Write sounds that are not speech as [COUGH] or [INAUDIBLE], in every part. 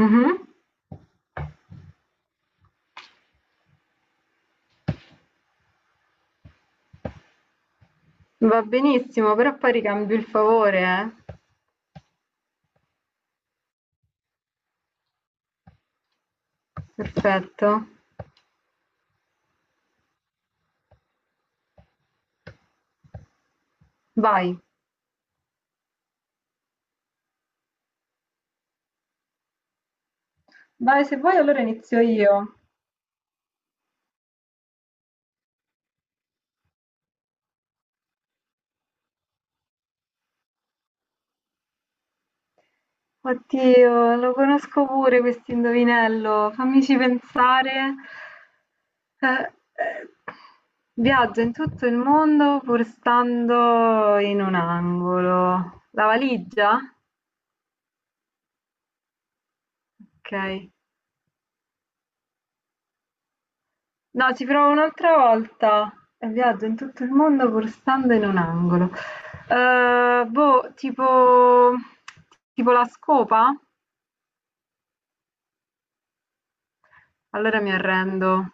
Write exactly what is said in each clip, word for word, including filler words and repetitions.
Mh-mh. Va benissimo, però poi ricambio il favore, eh. Perfetto. Vai. Vai, se vuoi allora inizio io. Oddio, lo conosco pure questo indovinello. Fammici pensare. Eh, eh, Viaggia in tutto il mondo pur stando in un angolo. La valigia? Okay. No, ci provo un'altra volta. E viaggio in tutto il mondo pur stando in un angolo. Eh, boh, tipo, tipo la scopa? Allora mi arrendo.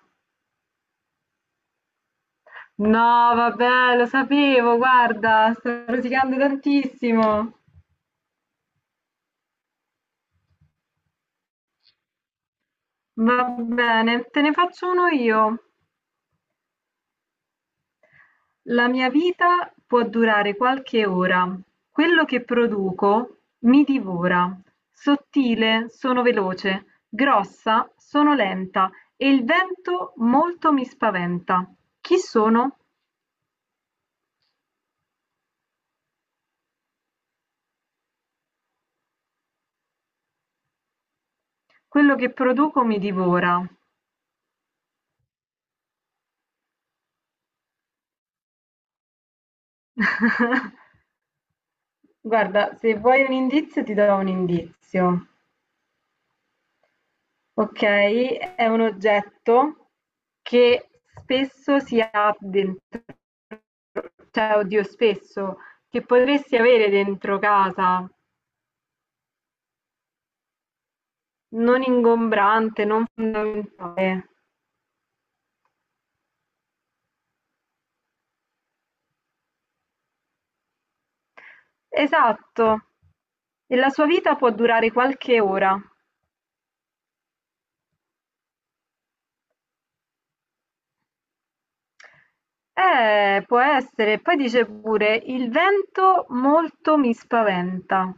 No, vabbè, lo sapevo, guarda, sto rosicando tantissimo. Va bene, te ne faccio uno io. La mia vita può durare qualche ora, quello che produco mi divora, sottile sono veloce, grossa sono lenta e il vento molto mi spaventa. Chi sono? Quello che produco mi divora. [LAUGHS] Guarda, se vuoi un indizio ti do un indizio. Okay, è un oggetto che spesso si ha dentro, cioè oddio spesso, che potresti avere dentro casa, non ingombrante, non fondamentale. Esatto. E la sua vita può durare qualche ora. Eh, può essere. Poi dice pure: "Il vento molto mi spaventa".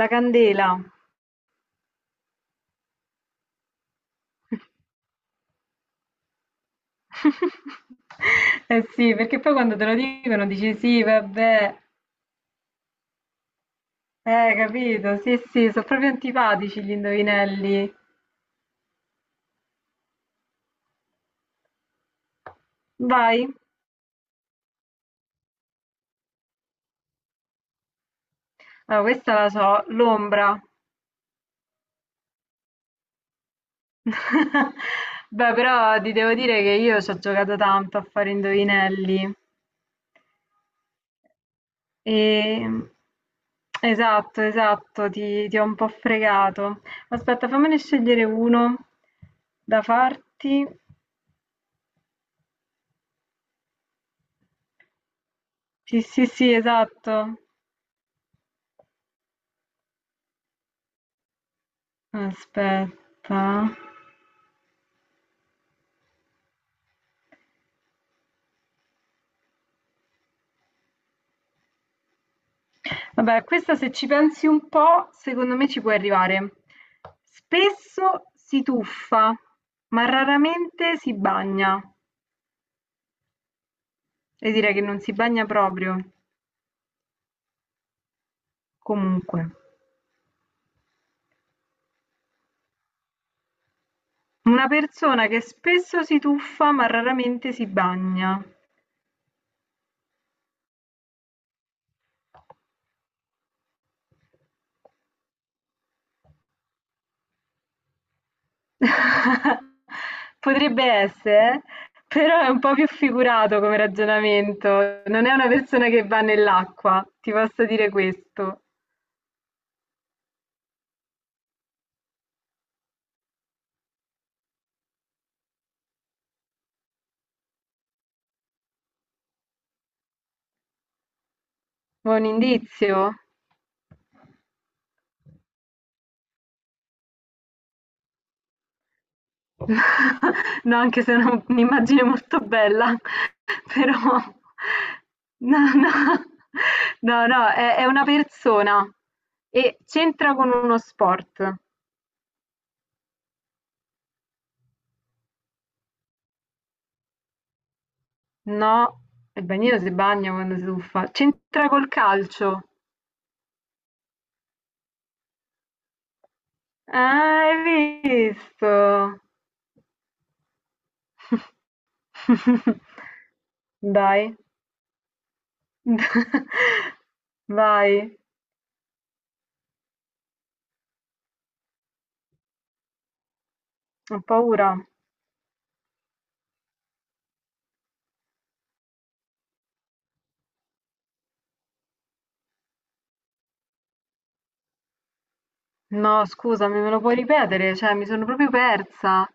La candela. [LAUGHS] Eh sì, perché poi quando te lo dicono dici: "Sì, vabbè". Eh, capito? Sì, sì, sono proprio antipatici gli indovinelli. Vai. Allora, questa la so, l'ombra. [LAUGHS] Beh, però ti devo dire che io ci ho giocato tanto a fare indovinelli. E... esatto, esatto, ti, ti ho un po' fregato. Aspetta, fammene scegliere uno da farti. Sì, sì, sì, esatto. Aspetta. Vabbè, questa se ci pensi un po', secondo me ci puoi arrivare. Spesso si tuffa, ma raramente si bagna. E direi che non si bagna proprio. Comunque, una persona che spesso si tuffa, ma raramente si bagna. [LAUGHS] Potrebbe essere, eh? Però è un po' più figurato come ragionamento. Non è una persona che va nell'acqua, ti posso dire questo. Buon indizio? [LAUGHS] No, anche se non un'immagine molto bella, [LAUGHS] però no, no, no, no, è, è una persona e c'entra con uno sport. No, il bagnino si bagna quando si tuffa. C'entra col calcio. Ah, hai visto? [LAUGHS] Dai, [LAUGHS] vai, ho paura. No, scusami, me lo puoi ripetere? Cioè, mi sono proprio persa.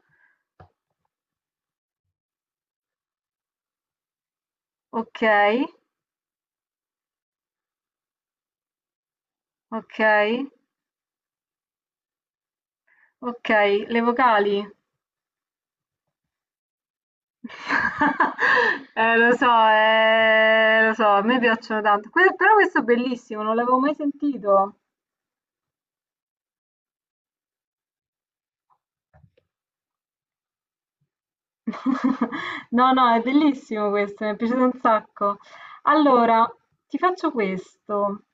Okay, okay, okay. Le vocali? [LAUGHS] Eh, lo so, eh, lo so, a me piacciono tanto. Que- però questo è bellissimo, non l'avevo mai sentito. [LAUGHS] No, no, è bellissimo questo, mi è piaciuto un sacco. Allora, ti faccio questo.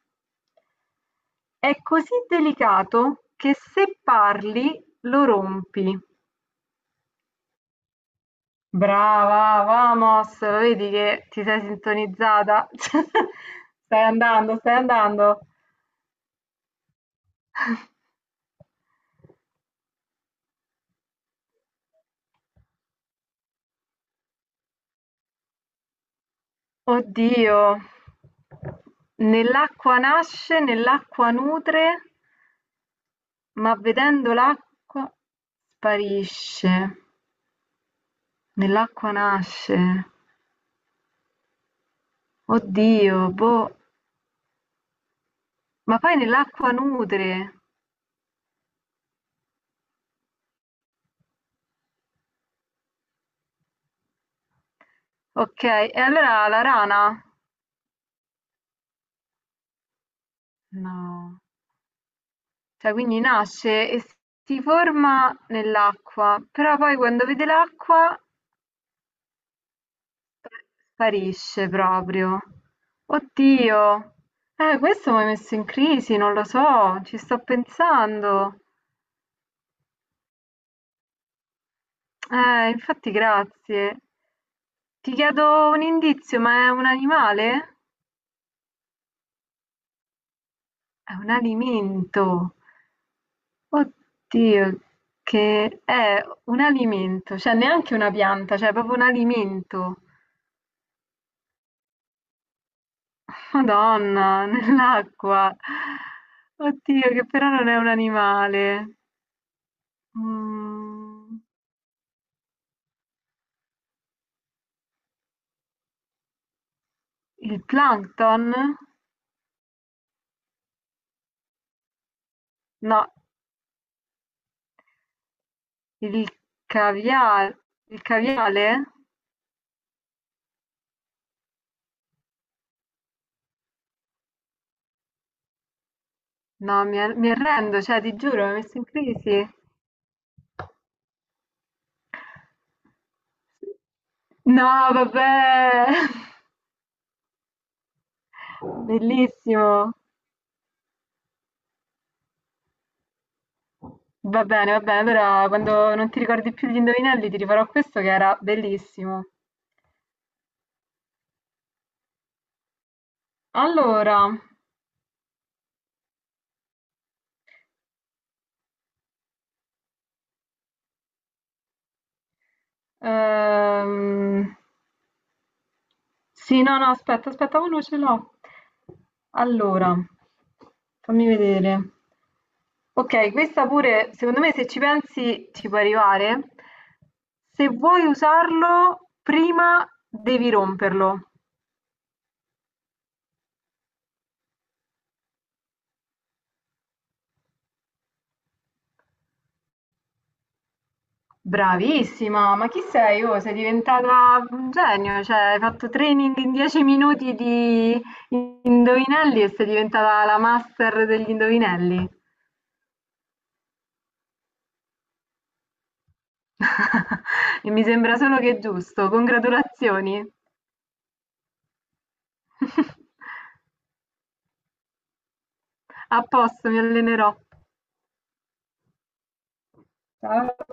È così delicato che se parli lo rompi. Brava, vamos, lo vedi che ti sei sintonizzata? [LAUGHS] Stai andando, stai andando. Oddio, nell'acqua nasce, nell'acqua nutre, ma vedendo l'acqua sparisce. Nell'acqua nasce. Oddio, boh, ma poi nell'acqua nutre. Ok, e allora la rana? No. Cioè quindi nasce e si forma nell'acqua, però poi quando vede l'acqua sparisce proprio. Oddio, eh, questo mi ha messo in crisi, non lo so, ci sto pensando. Eh, infatti grazie. Ti chiedo un indizio, ma è un animale? È un alimento. Oddio, che è un alimento, cioè neanche una pianta, cioè proprio un alimento. Madonna, [LAUGHS] nell'acqua. Oddio, che però non è un animale. Mm, il plankton? No, il caviale. Il caviale? No, mi, ar- mi arrendo, cioè ti giuro, mi hai messo in crisi. No, vabbè. [LAUGHS] Bellissimo. Va bene, va bene. Allora, quando non ti ricordi più gli indovinelli, ti rifarò questo che era bellissimo. Allora. Ehm, sì, no, no, aspetta, aspetta, oh, no, ce l'ho. Allora, fammi vedere. Ok, questa pure, secondo me, se ci pensi, ci può arrivare. Se vuoi usarlo, prima devi romperlo. Bravissima, ma chi sei? Oh, sei diventata un genio, cioè hai fatto training in dieci minuti di indovinelli e sei diventata la master degli indovinelli. [LAUGHS] E mi sembra solo che è giusto. Congratulazioni. [LAUGHS] A posto, mi allenerò. Ciao.